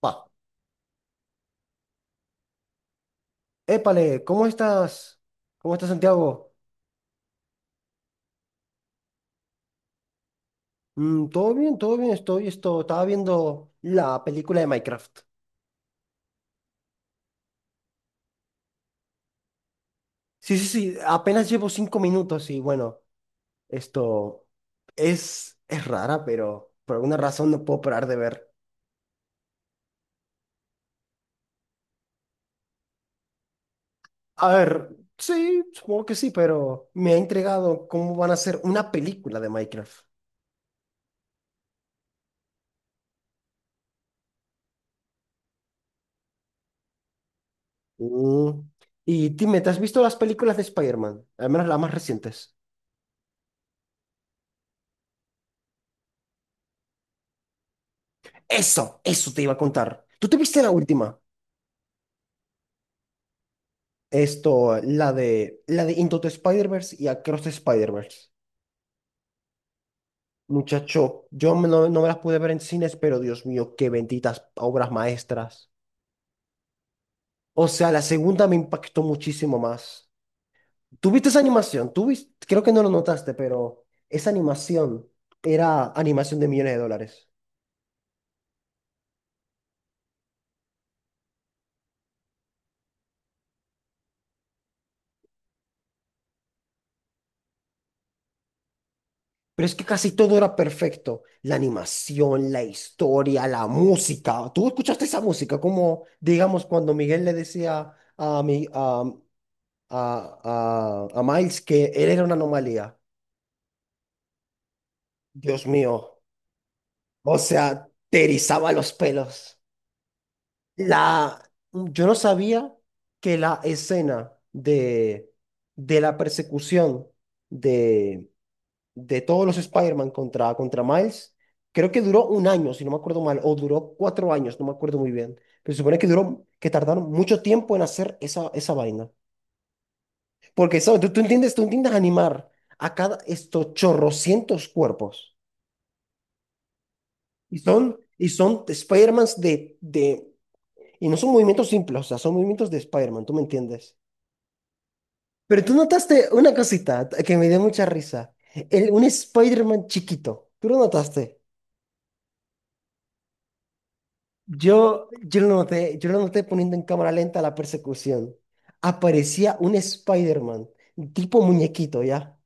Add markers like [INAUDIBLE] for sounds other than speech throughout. Va. Épale, ¿cómo estás? ¿Cómo estás, Santiago? Todo bien, estaba viendo la película de Minecraft. Sí, sí, sí, apenas llevo 5 minutos y bueno, esto es rara, pero por alguna razón no puedo parar de ver. A ver, sí, supongo que sí, pero me ha intrigado cómo van a hacer una película de Minecraft. Mm, Y dime, ¿te has visto las películas de Spider-Man? Al menos las más recientes. Eso te iba a contar. ¿Tú te viste la última? La de Into the Spider-Verse y Across the Spider-Verse. Muchacho, no, no me las pude ver en cines, pero Dios mío, qué benditas obras maestras. O sea, la segunda me impactó muchísimo más. ¿Tuviste esa animación? Creo que no lo notaste, pero esa animación era animación de millones de dólares. Pero es que casi todo era perfecto. La animación, la historia, la música. ¿Tú escuchaste esa música? Como, digamos, cuando Miguel le decía a mi, a Miles que él era una anomalía. Dios mío. O sea, te erizaba los pelos. La, yo no sabía que la escena de la persecución de, de todos los Spider-Man contra Miles, creo que duró un año, si no me acuerdo mal, o duró 4 años, no me acuerdo muy bien. Pero se supone que duró, que tardaron mucho tiempo en hacer esa vaina. Porque ¿sabes? Tú entiendes animar a cada estos chorrocientos cuerpos. Y son Spider-Mans de, de. Y no son movimientos simples, o sea, son movimientos de Spider-Man, ¿tú me entiendes? Pero tú notaste una cosita que me dio mucha risa. Un Spider-Man chiquito. ¿Tú lo notaste? Yo lo noté poniendo en cámara lenta la persecución. Aparecía un Spider-Man, tipo muñequito, ¿ya?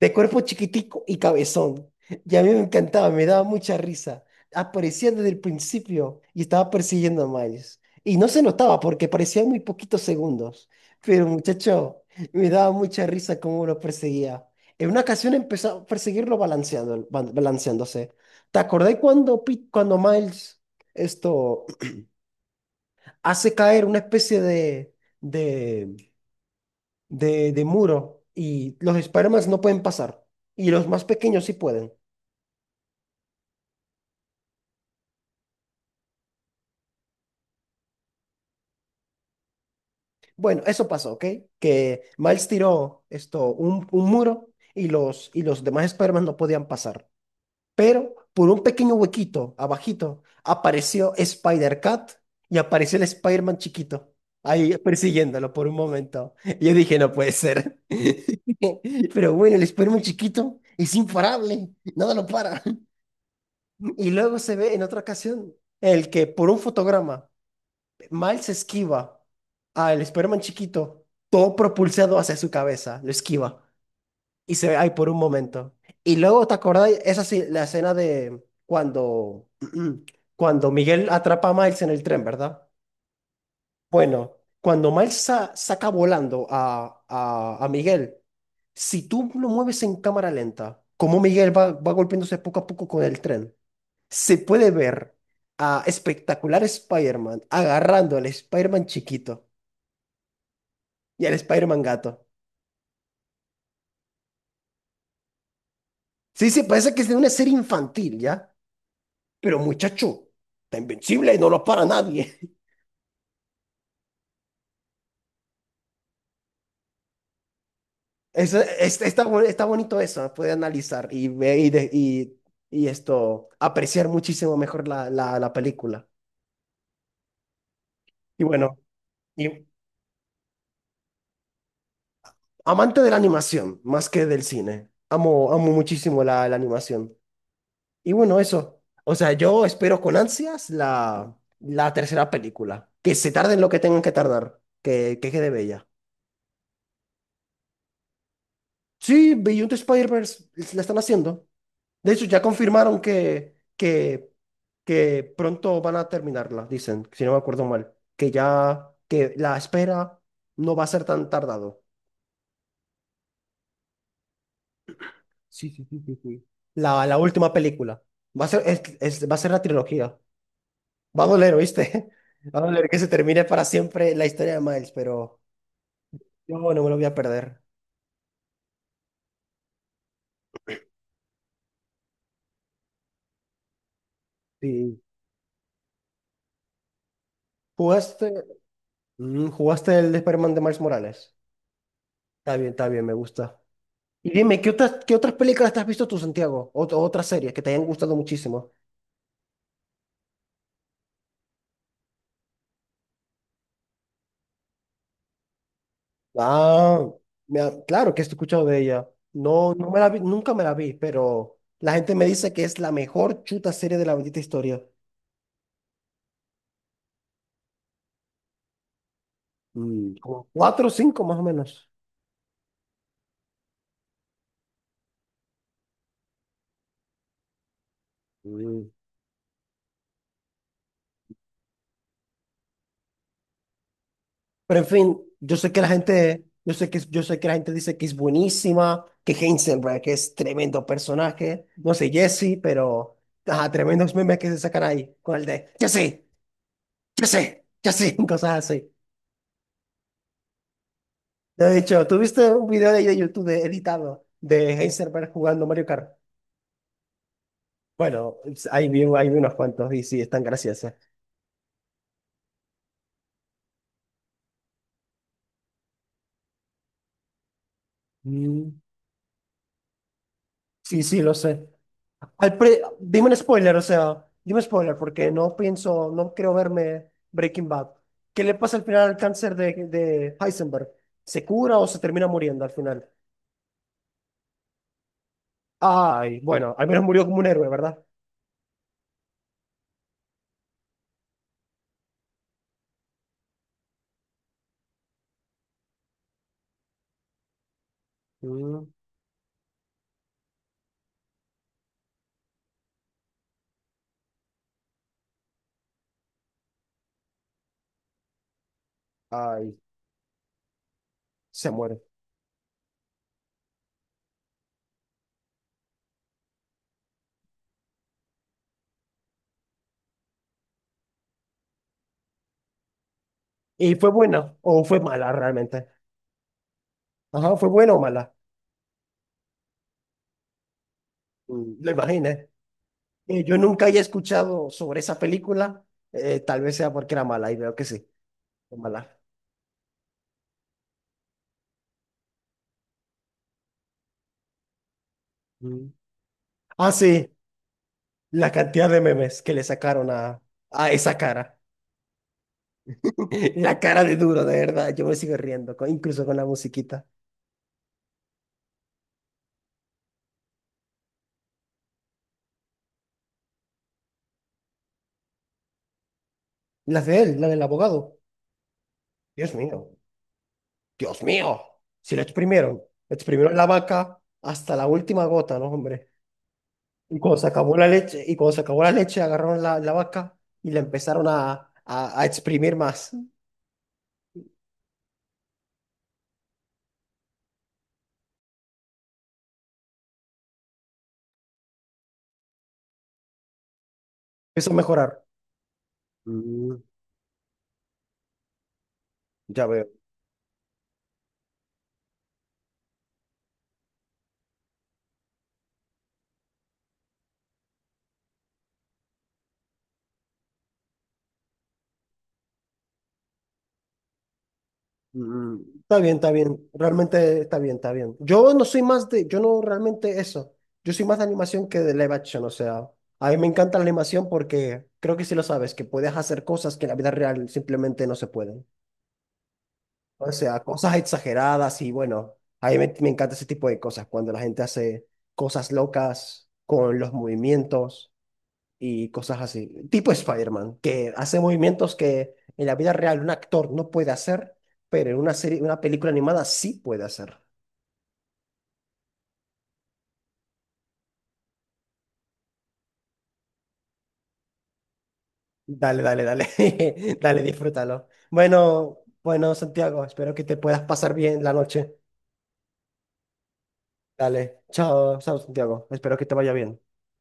De cuerpo chiquitico y cabezón. Y a mí me encantaba, me daba mucha risa. Aparecía desde el principio y estaba persiguiendo a Miles. Y no se notaba porque parecían muy poquitos segundos. Pero muchacho, me daba mucha risa cómo lo perseguía. En una ocasión empezó a perseguirlo balanceándose. ¿Te acordás cuando Miles esto hace caer una especie de, de muro y los Spider-Man no pueden pasar? Y los más pequeños sí pueden. Bueno, eso pasó, ¿ok? Que Miles tiró un muro y y los demás Spider-Man no podían pasar. Pero por un pequeño huequito abajito apareció Spider-Cat y apareció el Spider-Man chiquito. Ahí persiguiéndolo por un momento. Y yo dije, no puede ser. [LAUGHS] Pero bueno, el Spider-Man chiquito es imparable. Nada lo para. Y luego se ve en otra ocasión el que por un fotograma Miles esquiva al Spider-Man chiquito, todo propulsado hacia su cabeza, lo esquiva y se ve ahí por un momento. Y luego, ¿te acordás? Esa sí, la escena de cuando, [CLEARS THROAT] cuando Miguel atrapa a Miles en el tren, ¿verdad? Bueno, cuando Miles saca volando a Miguel, si tú lo mueves en cámara lenta, como Miguel va golpeándose poco a poco con el tren, se puede ver a espectacular Spider-Man agarrando al Spider-Man chiquito. Y el Spider-Man gato. Sí, sí, parece que es de una serie infantil, ¿ya? Pero muchacho, está invencible y no lo para nadie. [LAUGHS] Eso, está bonito eso, ¿eh? Puede analizar y apreciar muchísimo mejor la película. Y bueno, y amante de la animación, más que del cine. Amo, amo muchísimo la animación. Y bueno, eso. O sea, yo espero con ansias la tercera película. Que se tarden lo que tengan que tardar. Que quede bella. Sí, Beyond the Spider-Verse la están haciendo. De hecho, ya confirmaron que pronto van a terminarla, dicen, si no me acuerdo mal. Que ya, que la espera no va a ser tan tardado. Sí, sí, sí, sí, sí. La última película. Va a ser la trilogía. Va a doler, ¿oíste? [LAUGHS] Va a doler que se termine para siempre la historia de Miles, pero yo no me lo voy a perder. Sí. ¿Jugaste, jugaste el Spider-Man de Miles Morales? Está bien, me gusta. Y dime, ¿qué otras películas te has visto tú, Santiago? O otras series que te hayan gustado muchísimo. Ah, claro que he escuchado de ella. No, no me la vi, nunca me la vi, pero la gente me dice que es la mejor chuta serie de la bendita historia. Como cuatro o cinco más o menos. Mm. Pero en fin, yo sé que la gente dice que es buenísima, que Heisenberg es tremendo personaje, no sé, Jesse, pero ajá, tremendos memes que se sacan ahí con el de Jesse. Ya sé, [LAUGHS] cosas así. De hecho, tuviste un video de ahí de YouTube editado de Heisenberg jugando Mario Kart. Bueno, ahí vi unos cuantos y sí, están graciosos. Mm, sí, sí, lo sé. Al dime un spoiler, o sea, dime un spoiler porque no pienso, no quiero verme Breaking Bad. ¿Qué le pasa al final al cáncer de Heisenberg? ¿Se cura o se termina muriendo al final? Ay, bueno, al menos murió como un héroe, ¿verdad? Mm, ay, se muere. ¿Y fue buena o fue mala realmente? Ajá, ¿fue buena o mala? Lo imaginé. Yo nunca había escuchado sobre esa película. Tal vez sea porque era mala y veo que sí, fue mala. Mm. Ah, sí, la cantidad de memes que le sacaron a esa cara. [LAUGHS] La cara de duro, de verdad. Yo me sigo riendo, incluso con la musiquita. La de él, la del abogado. Dios mío, Dios mío. Si lo exprimieron, exprimieron la vaca hasta la última gota, ¿no, hombre? Y cuando se acabó la leche, y cuando se acabó la leche, agarraron la vaca y la empezaron a exprimir más. Empezó a mejorar. Mm, ya veo. Mm, está bien, está bien. Realmente está bien, está bien. Yo no realmente eso. Yo soy más de animación que de live action. O sea, a mí me encanta la animación porque creo que sí lo sabes, que puedes hacer cosas que en la vida real simplemente no se pueden. O sea, cosas exageradas y bueno, a mí me encanta ese tipo de cosas, cuando la gente hace cosas locas con los movimientos y cosas así. Tipo Spider-Man, que hace movimientos que en la vida real un actor no puede hacer, pero en una serie, una película animada sí puede hacer. Dale, dale, dale, [LAUGHS] dale, disfrútalo. Bueno, bueno, Santiago, espero que te puedas pasar bien la noche. Dale, chao, chao, Santiago, espero que te vaya bien.